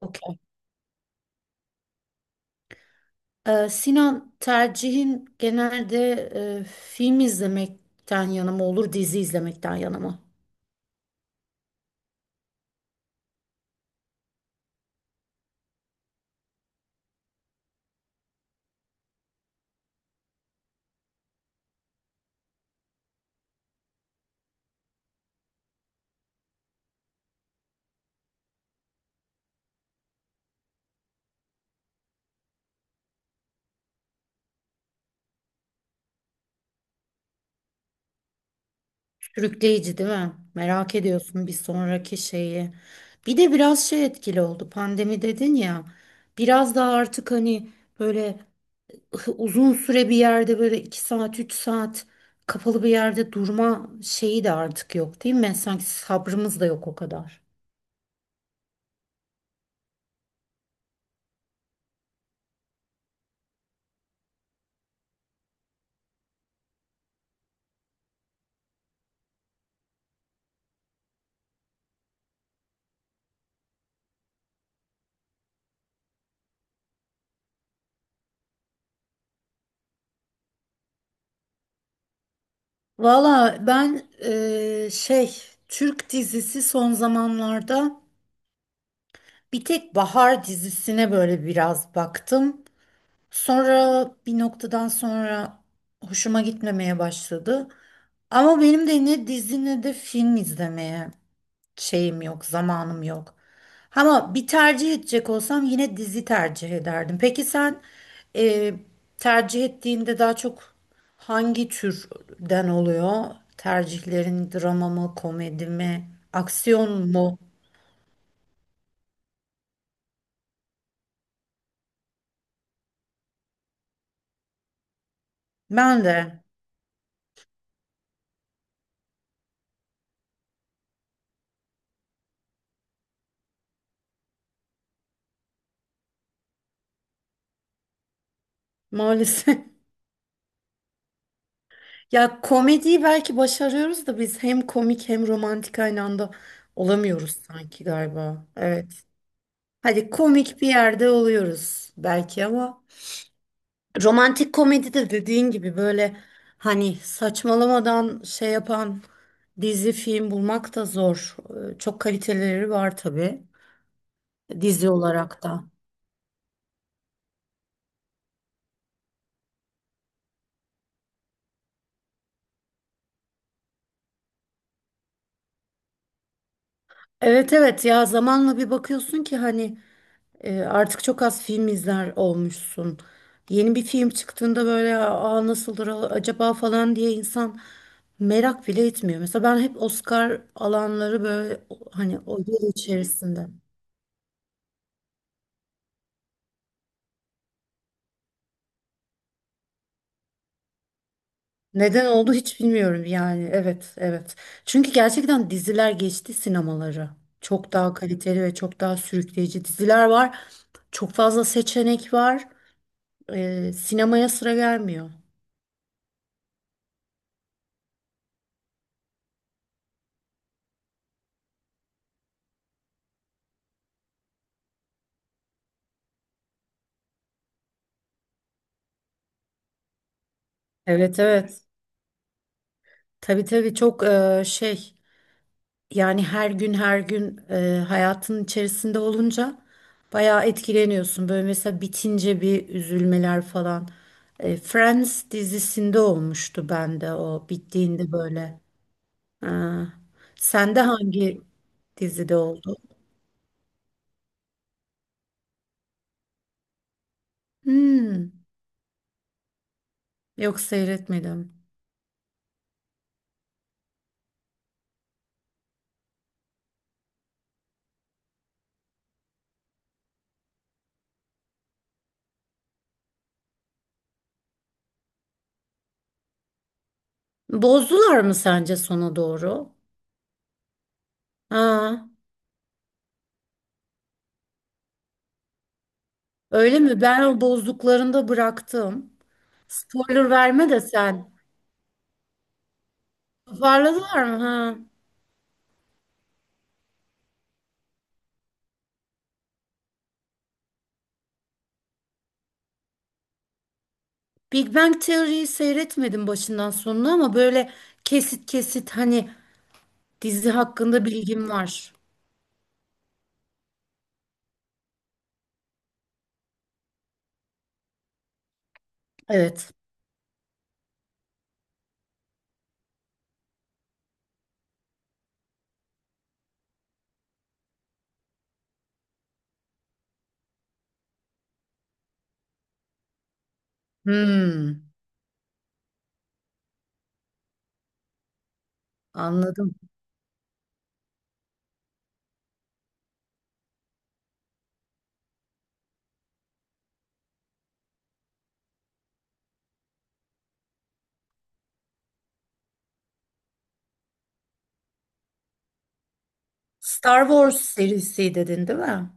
Okey. Sinan, tercihin genelde film izlemekten yana mı olur, dizi izlemekten yana mı? Sürükleyici değil mi? Merak ediyorsun bir sonraki şeyi. Bir de biraz şey etkili oldu. Pandemi dedin ya. Biraz daha artık hani böyle uzun süre bir yerde böyle iki saat, üç saat kapalı bir yerde durma şeyi de artık yok değil mi? Sanki sabrımız da yok o kadar. Valla ben şey, Türk dizisi son zamanlarda bir tek Bahar dizisine böyle biraz baktım. Sonra bir noktadan sonra hoşuma gitmemeye başladı. Ama benim de ne dizi ne de film izlemeye şeyim yok, zamanım yok. Ama bir tercih edecek olsam yine dizi tercih ederdim. Peki sen e, tercih ettiğinde daha çok hangi türden oluyor? Tercihlerin drama mı, komedi mi, aksiyon mu? Ben de maalesef. Ya komediyi belki başarıyoruz da biz hem komik hem romantik aynı anda olamıyoruz sanki galiba. Evet. Hadi komik bir yerde oluyoruz belki ama romantik komedide dediğin gibi böyle hani saçmalamadan şey yapan dizi film bulmak da zor. Çok kaliteleri var tabii, dizi olarak da. Evet, evet, ya zamanla bir bakıyorsun ki hani artık çok az film izler olmuşsun. Yeni bir film çıktığında böyle aa nasıldır acaba falan diye insan merak bile etmiyor. Mesela ben hep Oscar alanları böyle, hani o yıl içerisinde. Neden oldu hiç bilmiyorum yani. Evet, evet. Çünkü gerçekten diziler geçti sinemaları. Çok daha kaliteli ve çok daha sürükleyici diziler var. Çok fazla seçenek var. Sinemaya sıra gelmiyor. Evet, evet. Tabii tabii, çok şey, yani her gün her gün hayatın içerisinde olunca bayağı etkileniyorsun. Böyle mesela bitince bir üzülmeler falan. Friends dizisinde olmuştu bende, o bittiğinde böyle. Ha. Sende hangi dizide oldu? Hmm. Yok, seyretmedim. Bozdular mı sence sona doğru? Ha. Öyle mi? Ben o bozduklarında bıraktım. Spoiler verme de sen. Toparladılar mı? Ha. Big Bang Theory'yi seyretmedim başından sonuna, ama böyle kesit kesit hani dizi hakkında bilgim var. Evet. Hmm. Anladım. Star Wars serisi dedin değil mi?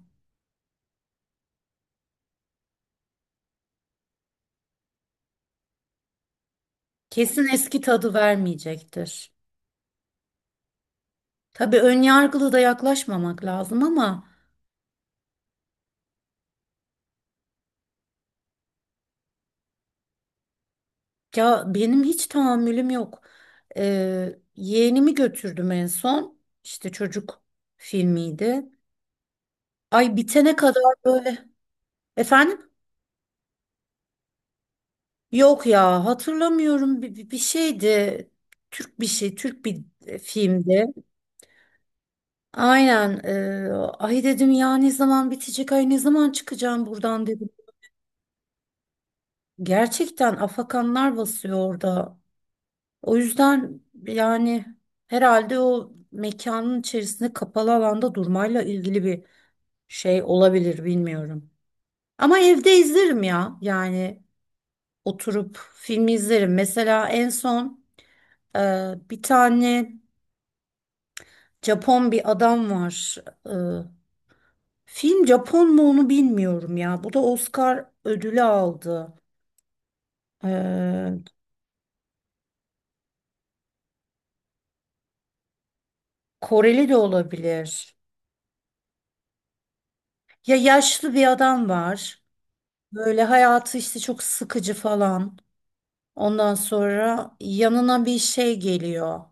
Kesin eski tadı vermeyecektir. Tabii ön yargılı da yaklaşmamak lazım, ama ya benim hiç tahammülüm yok. Yeğenimi götürdüm en son. İşte çocuk filmiydi. Ay, bitene kadar böyle. Efendim? Yok ya, hatırlamıyorum, bir şeydi. Türk bir şey, Türk bir filmdi. Aynen. Ay dedim ya ne zaman bitecek, ay ne zaman çıkacağım buradan dedim. Gerçekten afakanlar basıyor orada. O yüzden yani herhalde o mekanın içerisinde kapalı alanda durmayla ilgili bir şey olabilir, bilmiyorum. Ama evde izlerim ya yani, oturup filmi izlerim. Mesela en son bir tane Japon bir adam var. E, Film Japon mu onu bilmiyorum ya. Bu da Oscar ödülü aldı. E, Koreli de olabilir. Ya yaşlı bir adam var. Böyle hayatı işte çok sıkıcı falan. Ondan sonra yanına bir şey geliyor.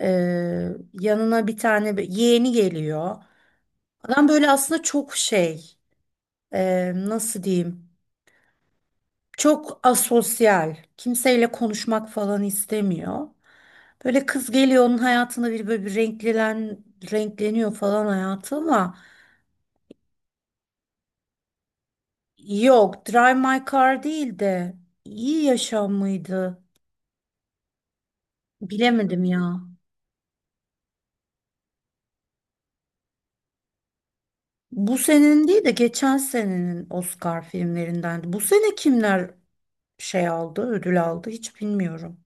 Yanına bir tane yeğeni geliyor. Adam böyle aslında çok şey, nasıl diyeyim? Çok asosyal. Kimseyle konuşmak falan istemiyor. Böyle kız geliyor, onun hayatında bir böyle bir renkleniyor falan hayatı, ama yok, Drive My Car değil de iyi yaşam mıydı? Bilemedim ya. Bu senenin değil de geçen senenin Oscar filmlerindendi. Bu sene kimler şey aldı, ödül aldı hiç bilmiyorum.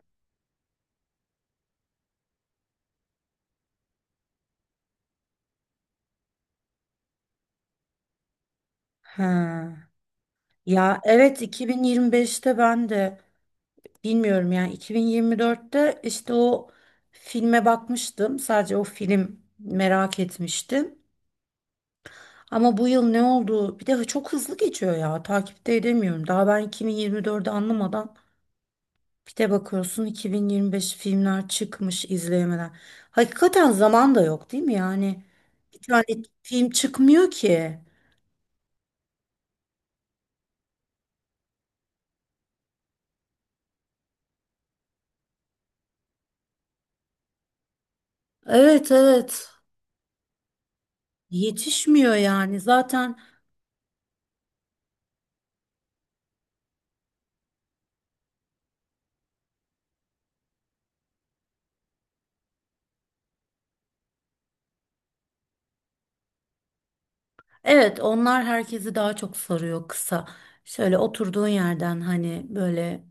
Ha. Ya evet, 2025'te ben de bilmiyorum yani, 2024'te işte o filme bakmıştım. Sadece o film merak etmiştim. Ama bu yıl ne oldu? Bir de çok hızlı geçiyor ya. Takipte edemiyorum. Daha ben 2024'ü anlamadan, bir de bakıyorsun 2025 filmler çıkmış izleyemeden. Hakikaten zaman da yok değil mi yani? Bir tane film çıkmıyor ki. Evet, evet. Yetişmiyor yani. Zaten evet, onlar herkesi daha çok sarıyor, kısa. Şöyle oturduğun yerden hani böyle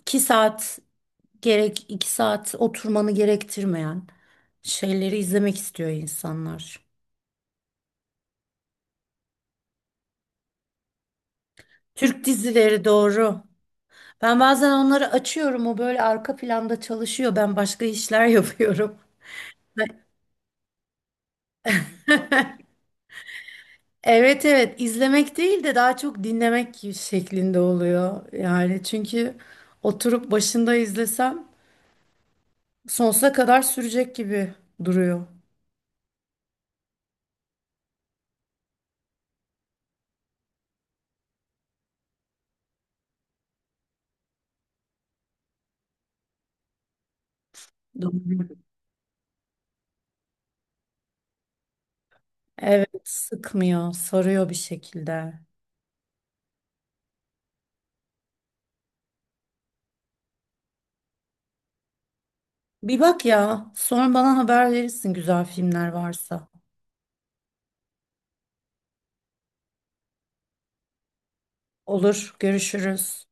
2 saat, gerek 2 saat oturmanı gerektirmeyen şeyleri izlemek istiyor insanlar. Türk dizileri, doğru. Ben bazen onları açıyorum. O böyle arka planda çalışıyor. Ben başka işler yapıyorum. Evet evet, izlemek değil de daha çok dinlemek şeklinde oluyor. Yani çünkü oturup başında izlesem sonsuza kadar sürecek gibi duruyor. Doğru. Evet, sıkmıyor, sarıyor bir şekilde. Bir bak ya, sonra bana haber verirsin güzel filmler varsa. Olur, görüşürüz.